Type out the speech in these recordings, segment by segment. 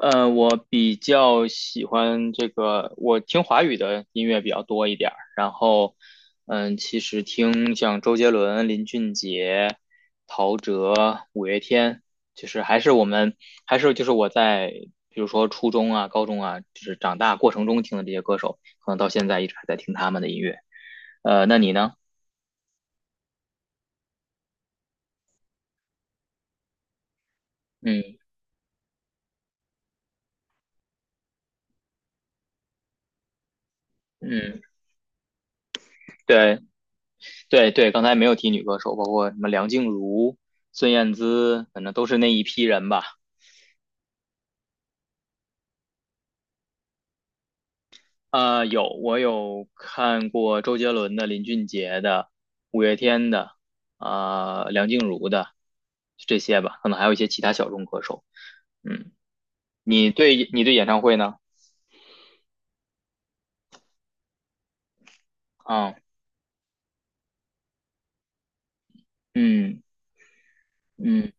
我比较喜欢这个，我听华语的音乐比较多一点儿，然后，其实听像周杰伦、林俊杰、陶喆、五月天，就是还是我们还是就是我在比如说初中啊、高中啊，就是长大过程中听的这些歌手，可能到现在一直还在听他们的音乐。那你呢？嗯嗯，对对对，刚才没有提女歌手，包括什么梁静茹、孙燕姿，反正都是那一批人吧。啊，有，我有看过周杰伦的、林俊杰的、五月天的，啊梁静茹的这些吧，可能还有一些其他小众歌手。嗯，你对演唱会呢？啊，嗯嗯。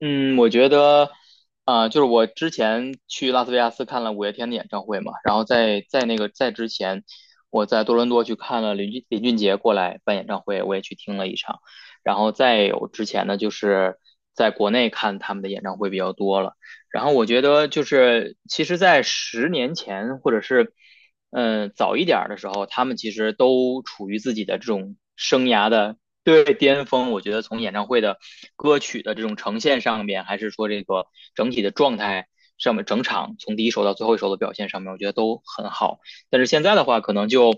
嗯，我觉得，就是我之前去拉斯维加斯看了五月天的演唱会嘛，然后在在那个在之前，我在多伦多去看了林俊杰过来办演唱会，我也去听了一场，然后再有之前呢，就是在国内看他们的演唱会比较多了，然后我觉得就是其实，在十年前或者是早一点儿的时候，他们其实都处于自己的这种生涯的，对，巅峰，我觉得从演唱会的歌曲的这种呈现上面，还是说这个整体的状态上面，整场从第一首到最后一首的表现上面，我觉得都很好。但是现在的话，可能就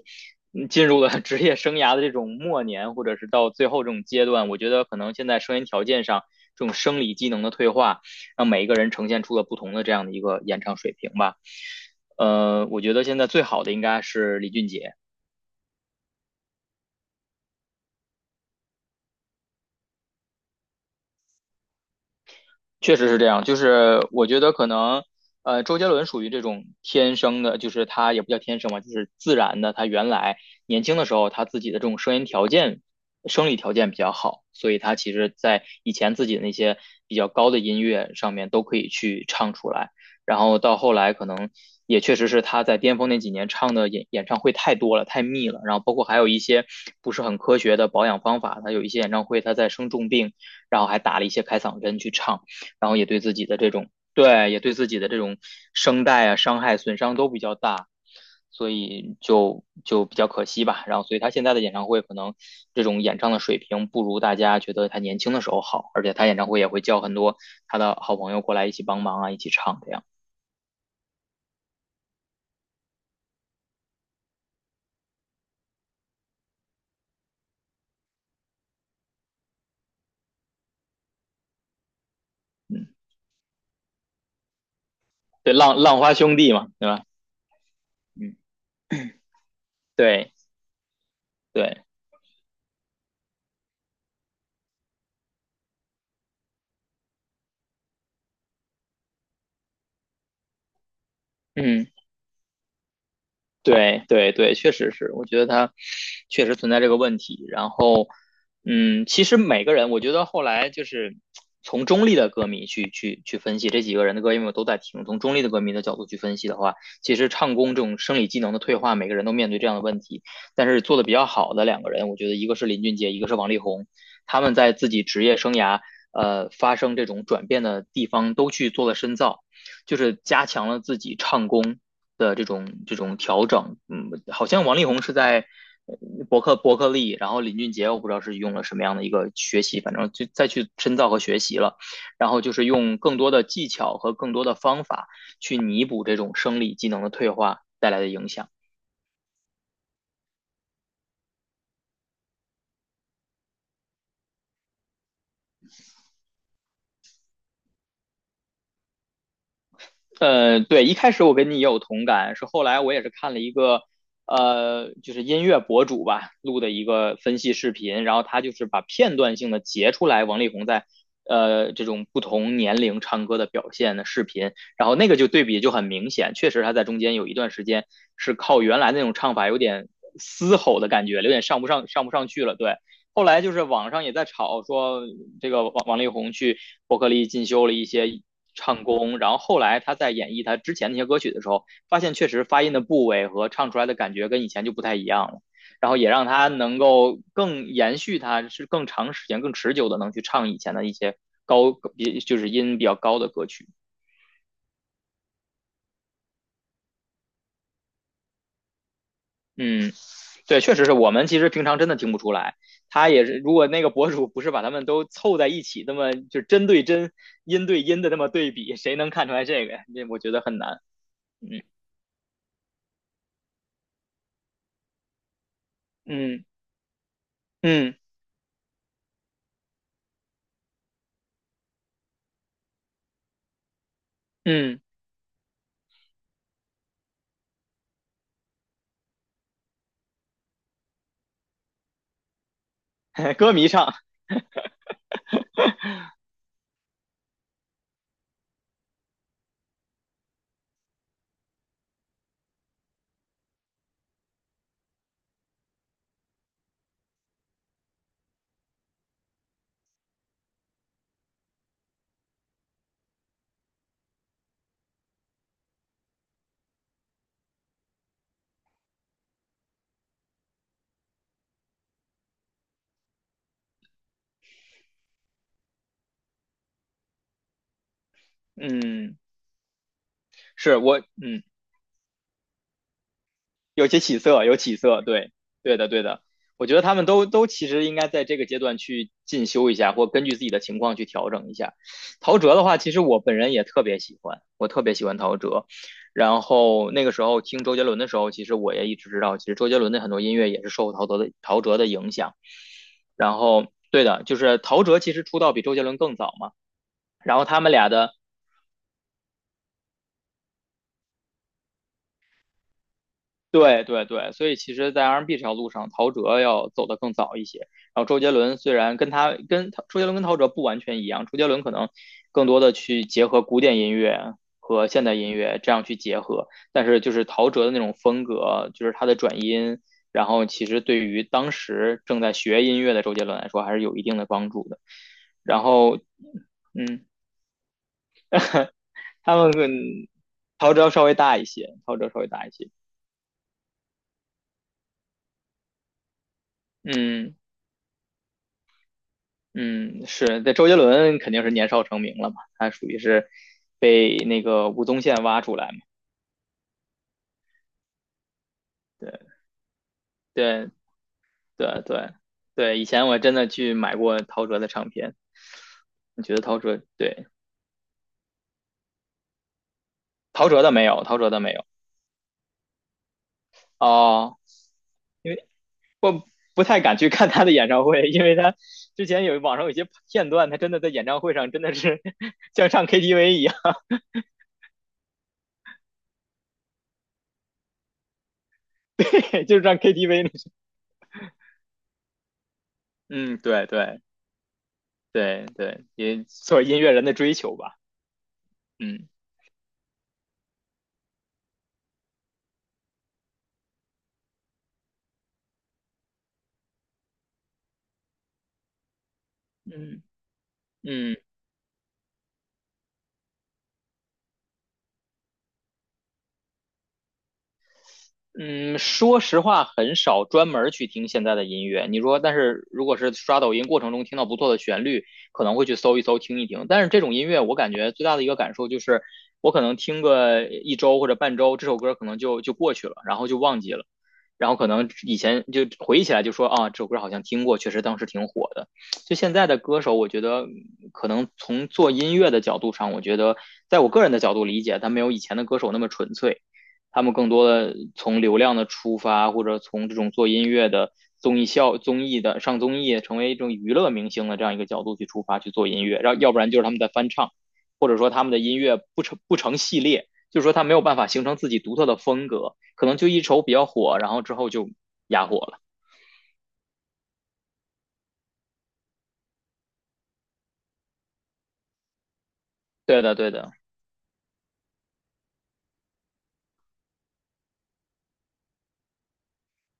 进入了 职业生涯的这种末年，或者是到最后这种阶段，我觉得可能现在声音条件上这种生理机能的退化，让每一个人呈现出了不同的这样的一个演唱水平吧。我觉得现在最好的应该是李俊杰，确实是这样，就是我觉得可能，周杰伦属于这种天生的，就是他也不叫天生吧，就是自然的。他原来年轻的时候，他自己的这种声音条件、生理条件比较好，所以他其实在以前自己的那些比较高的音乐上面都可以去唱出来。然后到后来，可能也确实是他在巅峰那几年唱的演唱会太多了，太密了。然后包括还有一些不是很科学的保养方法，他有一些演唱会他在生重病，然后还打了一些开嗓针去唱。然后也对自己的这种，对，也对自己的这种声带啊伤害损伤都比较大，所以就比较可惜吧。然后，所以他现在的演唱会可能这种演唱的水平不如大家觉得他年轻的时候好，而且他演唱会也会叫很多他的好朋友过来一起帮忙啊，一起唱这样。嗯，对，浪花兄弟嘛，对吧？嗯，对对，嗯。对对对，确实是，我觉得他确实存在这个问题。然后。其实每个人，我觉得后来就是从中立的歌迷去分析这几个人的歌，因为我都在听，从中立的歌迷的角度去分析的话，其实唱功这种生理机能的退化，每个人都面对这样的问题。但是做的比较好的两个人，我觉得一个是林俊杰，一个是王力宏，他们在自己职业生涯发生这种转变的地方都去做了深造。就是加强了自己唱功的这种调整。嗯，好像王力宏是在伯克利，然后林俊杰我不知道是用了什么样的一个学习，反正就再去深造和学习了。然后就是用更多的技巧和更多的方法去弥补这种生理机能的退化带来的影响。对，一开始我跟你也有同感，是后来我也是看了一个，就是音乐博主吧录的一个分析视频，然后他就是把片段性的截出来王力宏在，这种不同年龄唱歌的表现的视频，然后那个就对比就很明显，确实他在中间有一段时间是靠原来那种唱法有点嘶吼的感觉，有点上不上去了，对。后来就是网上也在吵说，这个王力宏去伯克利进修了一些唱功，然后后来他在演绎他之前那些歌曲的时候，发现确实发音的部位和唱出来的感觉跟以前就不太一样了，然后也让他能够更延续他是更长时间、更持久的能去唱以前的一些高比就是音比较高的歌曲。嗯，对，确实是我们其实平常真的听不出来。他也是，如果那个博主不是把他们都凑在一起，那么就针对针、音对音的那么对比，谁能看出来这个呀？我觉得很难。嗯嗯嗯嗯 歌迷唱，嗯，是我，有些起色，有起色，对，对的，对的，我觉得他们都其实应该在这个阶段去进修一下，或根据自己的情况去调整一下。陶喆的话，其实我本人也特别喜欢，我特别喜欢陶喆。然后那个时候听周杰伦的时候，其实我也一直知道，其实周杰伦的很多音乐也是受陶喆的影响。然后，对的，就是陶喆其实出道比周杰伦更早嘛，然后他们俩的。对对对，所以其实，在 R&B 这条路上，陶喆要走得更早一些。然后周杰伦虽然跟他跟他周杰伦跟陶喆不完全一样，周杰伦可能更多的去结合古典音乐和现代音乐这样去结合，但是就是陶喆的那种风格，就是他的转音，然后其实对于当时正在学音乐的周杰伦来说，还是有一定的帮助的。然后，嗯，他们跟陶喆稍微大一些，陶喆稍微大一些，嗯。嗯，是，那周杰伦肯定是年少成名了嘛，他属于是被那个吴宗宪挖出来嘛。对对对对对，以前我真的去买过陶喆的唱片，你觉得陶喆对，陶喆的没有，陶喆的没有。哦，因为我不太敢去看他的演唱会，因为他之前有网上有一些片段，他真的在演唱会上真的是 像唱 KTV 一样，对，就是唱 KTV 那种。嗯，对对对对，也做音乐人的追求吧。嗯嗯。嗯嗯，说实话，很少专门儿去听现在的音乐。你说，但是如果是刷抖音过程中听到不错的旋律，可能会去搜一搜、听一听。但是这种音乐，我感觉最大的一个感受就是，我可能听个一周或者半周，这首歌可能就过去了，然后就忘记了，然后可能以前就回忆起来就说啊，这首歌好像听过，确实当时挺火的。就现在的歌手，我觉得可能从做音乐的角度上，我觉得在我个人的角度理解，他没有以前的歌手那么纯粹。他们更多的从流量的出发，或者从这种做音乐的综艺的上综艺，成为一种娱乐明星的这样一个角度去出发去做音乐，然后要不然就是他们在翻唱，或者说他们的音乐不成系列，就是说他没有办法形成自己独特的风格，可能就一首比较火，然后之后就哑火了。对的，对的。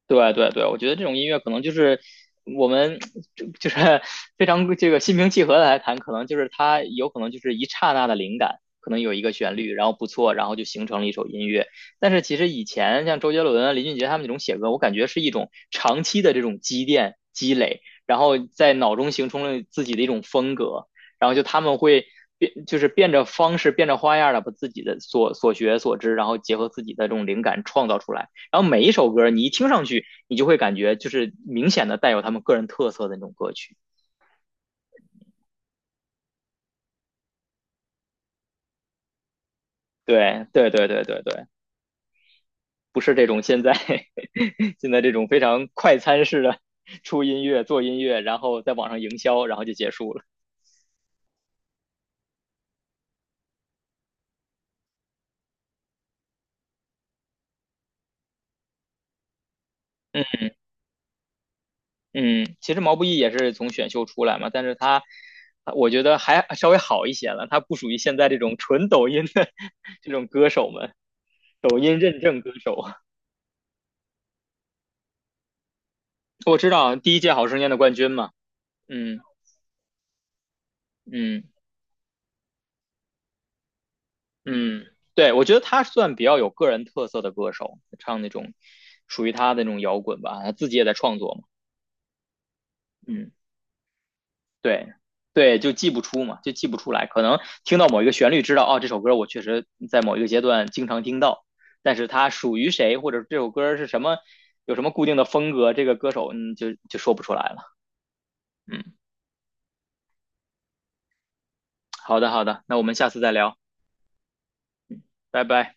对对对，我觉得这种音乐可能就是我们 就是 非常这个心平气和的来谈，可能就是它有可能就是一刹那的灵感，可能有一个旋律，然后不错，然后就形成了一首音乐。但是其实以前像周杰伦啊、林俊杰他们那种写歌，我感觉是一种长期的这种积淀积累，然后在脑中形成了自己的一种风格，然后就他们会。变就是变着方式、变着花样的把自己的所学所知，然后结合自己的这种灵感创造出来。然后每一首歌你一听上去，你就会感觉就是明显的带有他们个人特色的那种歌曲。对对对对对对，不是这种现在 现在这种非常快餐式的出音乐、做音乐，然后在网上营销，然后就结束了。嗯嗯，其实毛不易也是从选秀出来嘛，但是他我觉得还稍微好一些了，他不属于现在这种纯抖音的这种歌手们，抖音认证歌手。我知道啊第一届好声音的冠军嘛，嗯嗯。嗯，对，我觉得他算比较有个人特色的歌手，唱那种属于他的那种摇滚吧，他自己也在创作嘛。嗯，对，对，就记不出嘛，就记不出来，可能听到某一个旋律知道，哦，这首歌我确实在某一个阶段经常听到，但是它属于谁，或者这首歌是什么，有什么固定的风格，这个歌手就说不出来了。嗯，好的好的，那我们下次再聊，拜拜。